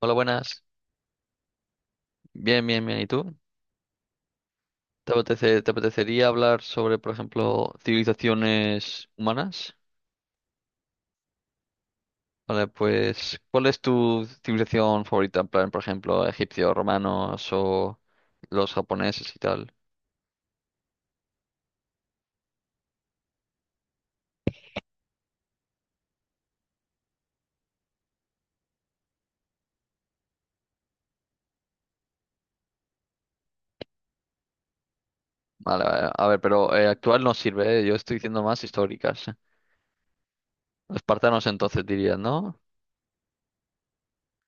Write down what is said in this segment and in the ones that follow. Hola, buenas. Bien, bien, bien. ¿Y tú? ¿Te apetecería hablar sobre, por ejemplo, civilizaciones humanas? Vale, pues, ¿cuál es tu civilización favorita? En plan, por ejemplo, ¿egipcios, romanos o los japoneses y tal? Vale, vale. A ver, pero actual no sirve, ¿eh? Yo estoy diciendo más históricas. Los espartanos entonces dirías, ¿no?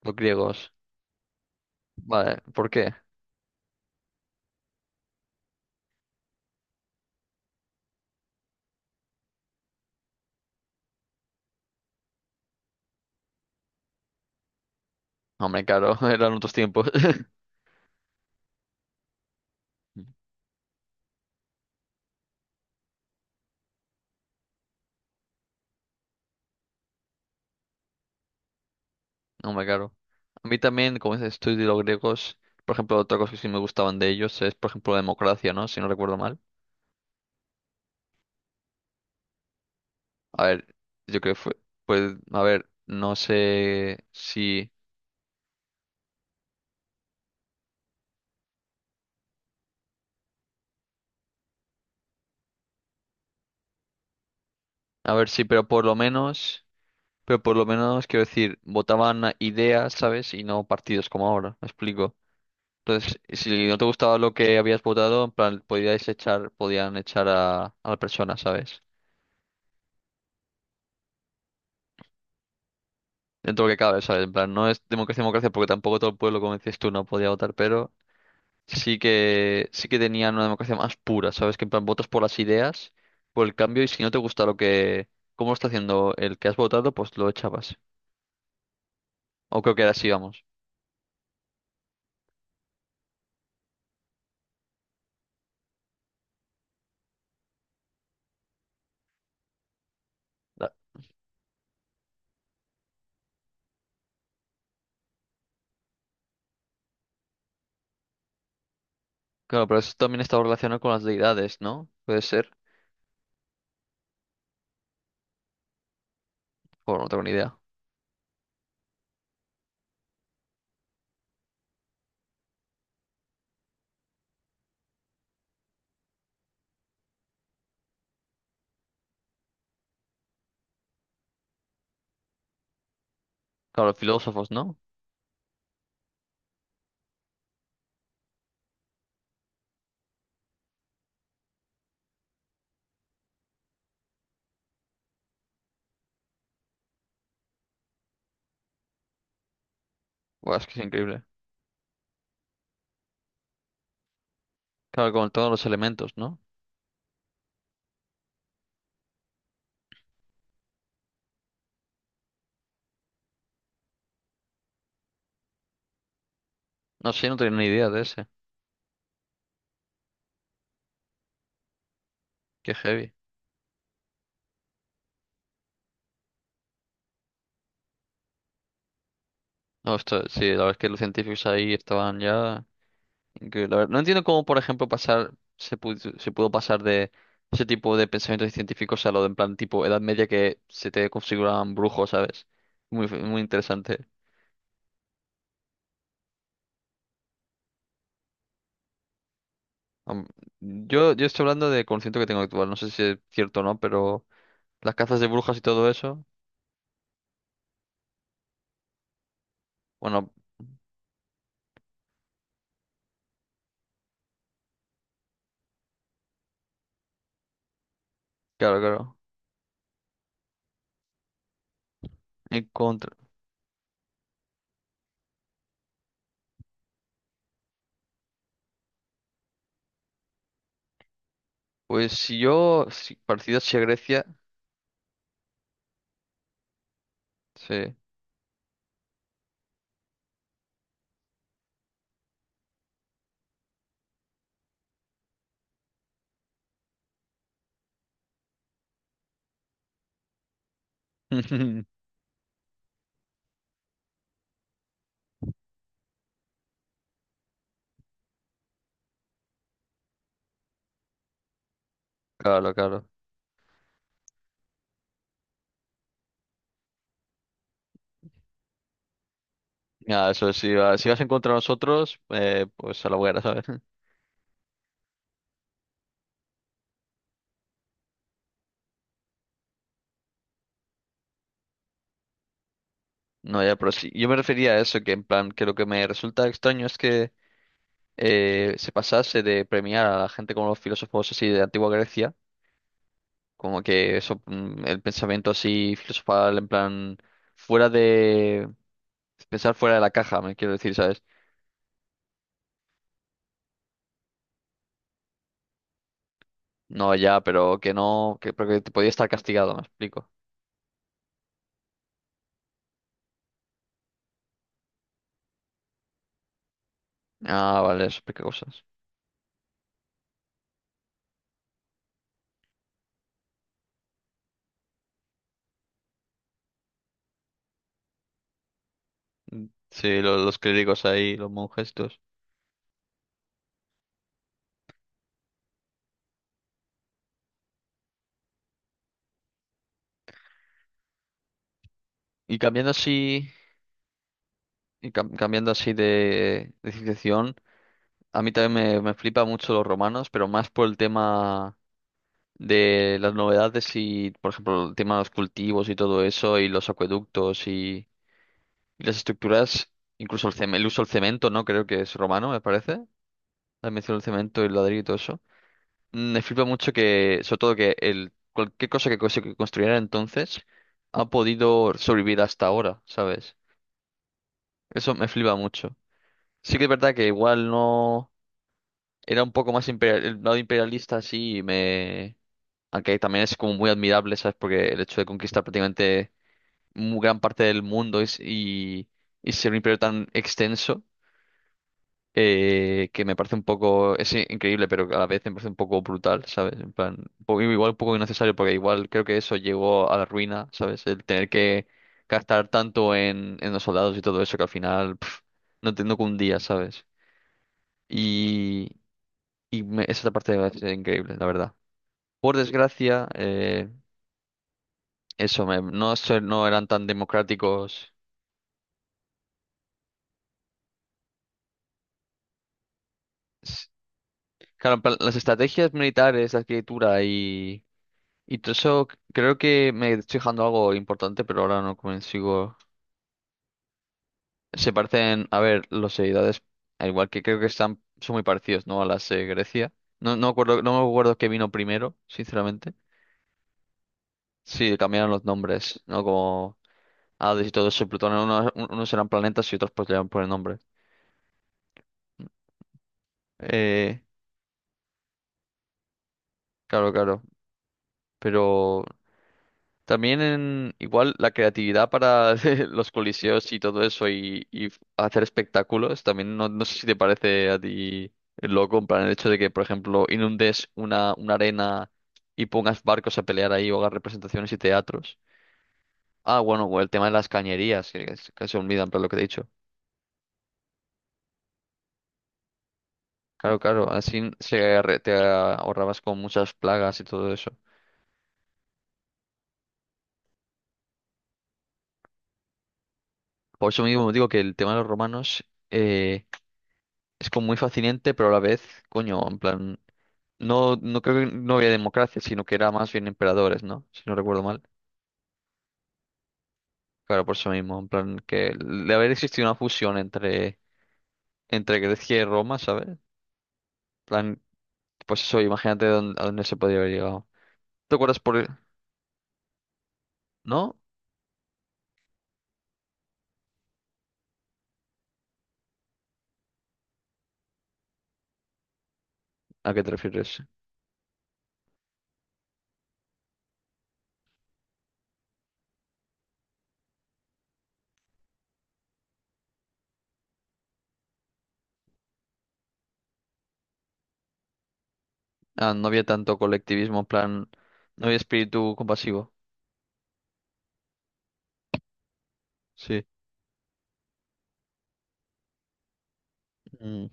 Los griegos. Vale, ¿por qué? Hombre, claro, eran otros tiempos. No me caro. A mí también, como dices tú, y los griegos, por ejemplo, otra cosa que sí me gustaban de ellos es, por ejemplo, la democracia, ¿no? Si no recuerdo mal. A ver, yo creo que fue, pues, a ver, no sé si, a ver, sí, pero por lo menos, pero por lo menos, quiero decir, votaban a ideas, ¿sabes? Y no partidos como ahora, me explico. Entonces, si no te gustaba lo que habías votado, en plan, podían echar a la persona, ¿sabes? Dentro de lo que cabe, ¿sabes? En plan, no es democracia, democracia, porque tampoco todo el pueblo, como decías tú, no podía votar, pero sí que tenían una democracia más pura, ¿sabes? Que en plan votas por las ideas, por el cambio, y si no te cómo lo está haciendo el que has votado, pues lo echabas. O creo que era así, vamos. Da- Claro, pero eso también estaba relacionado con las deidades, ¿no? Puede ser. O no tengo ni idea. Claro, los filósofos, ¿no? Buah, es que es increíble. Claro, con todos los elementos, ¿no? No sé, no tenía ni idea de ese. Qué heavy. No, esto, sí, la verdad es que los científicos ahí estaban ya. Increíble, la verdad. No entiendo cómo, por ejemplo, se pudo pasar de ese tipo de pensamientos científicos a lo de en plan tipo Edad Media que se te configuraban brujos, ¿sabes? Muy interesante. Am- Yo, yo estoy hablando de conocimiento que tengo actual, no sé si es cierto o no, pero las cazas de brujas y todo eso, bueno, claro, claro. En contra. Pues si yo, si, parecido a Grecia, sí. Claro, claro. Ya eso, si, si vas en contra de nosotros, pues a la hoguera, ¿sabes? No, ya, pero sí. Yo me refería a eso, que en plan, que lo que me resulta extraño es que se pasase de premiar a la gente como los filósofos así de antigua Grecia, como que eso, el pensamiento así filosofal, en plan, fuera de pensar fuera de la caja, me quiero decir, ¿sabes? No, ya, pero que no, que, pero que te podía estar castigado, me explico. Ah, vale, eso explica cosas. Sí, los clérigos ahí, los monjes, estos. Y cambiando así, cambiando así de civilización. A mí también me flipa mucho los romanos, pero más por el tema de las novedades y, por ejemplo, el tema de los cultivos y todo eso, y los acueductos y las estructuras, incluso el uso del cemento, ¿no? Creo que es romano, me parece. La mención del cemento y el ladrillo y todo eso. Me flipa mucho que, sobre todo que cualquier cosa que, que construyeran entonces ha podido sobrevivir hasta ahora, ¿sabes? Eso me flipa mucho. Sí que es verdad que igual no. Era un poco más imperial, el lado imperialista, sí, me. Aunque también es como muy admirable, ¿sabes? Porque el hecho de conquistar prácticamente muy gran parte del mundo y ser un imperio tan extenso, que me parece un poco, increíble, pero que a la vez me parece un poco brutal, ¿sabes? En plan, igual un poco innecesario, porque igual creo que eso llegó a la ruina, ¿sabes? El tener que gastar tanto en los soldados y todo eso, que al final pf, no cundía, ¿sabes? Y, esa parte es increíble, la verdad. Por desgracia, eso, no eran tan democráticos. S- Claro, en plan, las estrategias militares, la arquitectura y todo eso, creo que me estoy dejando algo importante, pero ahora no consigo. Se parecen, a ver, los seguidores, al igual que creo que son muy parecidos, ¿no? A las de Grecia. No me acuerdo qué vino primero, sinceramente. Sí, cambiaron los nombres, ¿no? Como Hades y todo eso, Plutón, unos eran planetas y otros pues le iban por el nombre. Eh, claro, claro. Pero también en, igual la creatividad para los coliseos y todo eso y hacer espectáculos, también no, no sé si te parece a ti loco, en plan el hecho de que, por ejemplo, inundes una arena y pongas barcos a pelear ahí o hagas representaciones y teatros. Ah, bueno, o el tema de las cañerías, que se olvidan, pero lo que te he dicho. Claro, claro, te ahorrabas con muchas plagas y todo eso. Por eso mismo digo que el tema de los romanos eh, es como muy fascinante, pero a la vez, coño, en plan. No, no creo que no había democracia, sino que era más bien emperadores, ¿no? Si no recuerdo mal. Claro, por eso mismo, en plan que de haber existido una fusión entre, entre Grecia y Roma, ¿sabes? En plan, pues eso, imagínate a dónde se podía haber llegado. ¿Te acuerdas por el- ¿No? ¿A qué te refieres? Ah, no había tanto colectivismo, en plan, no había espíritu compasivo. Sí. Mm,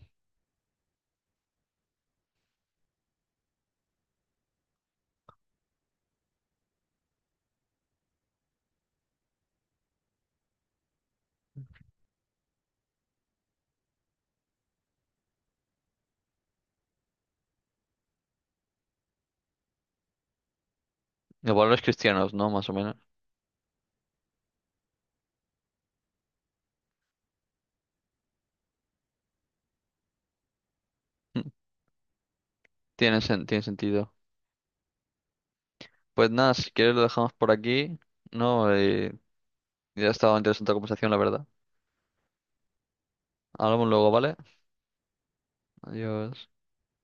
los valores cristianos, ¿no? Más o menos. Mm, tiene, tiene sentido. Pues nada, si quieres lo dejamos por aquí, ¿no? Ya ha estado interesante la conversación, la verdad. Hablamos luego, ¿vale? Adiós.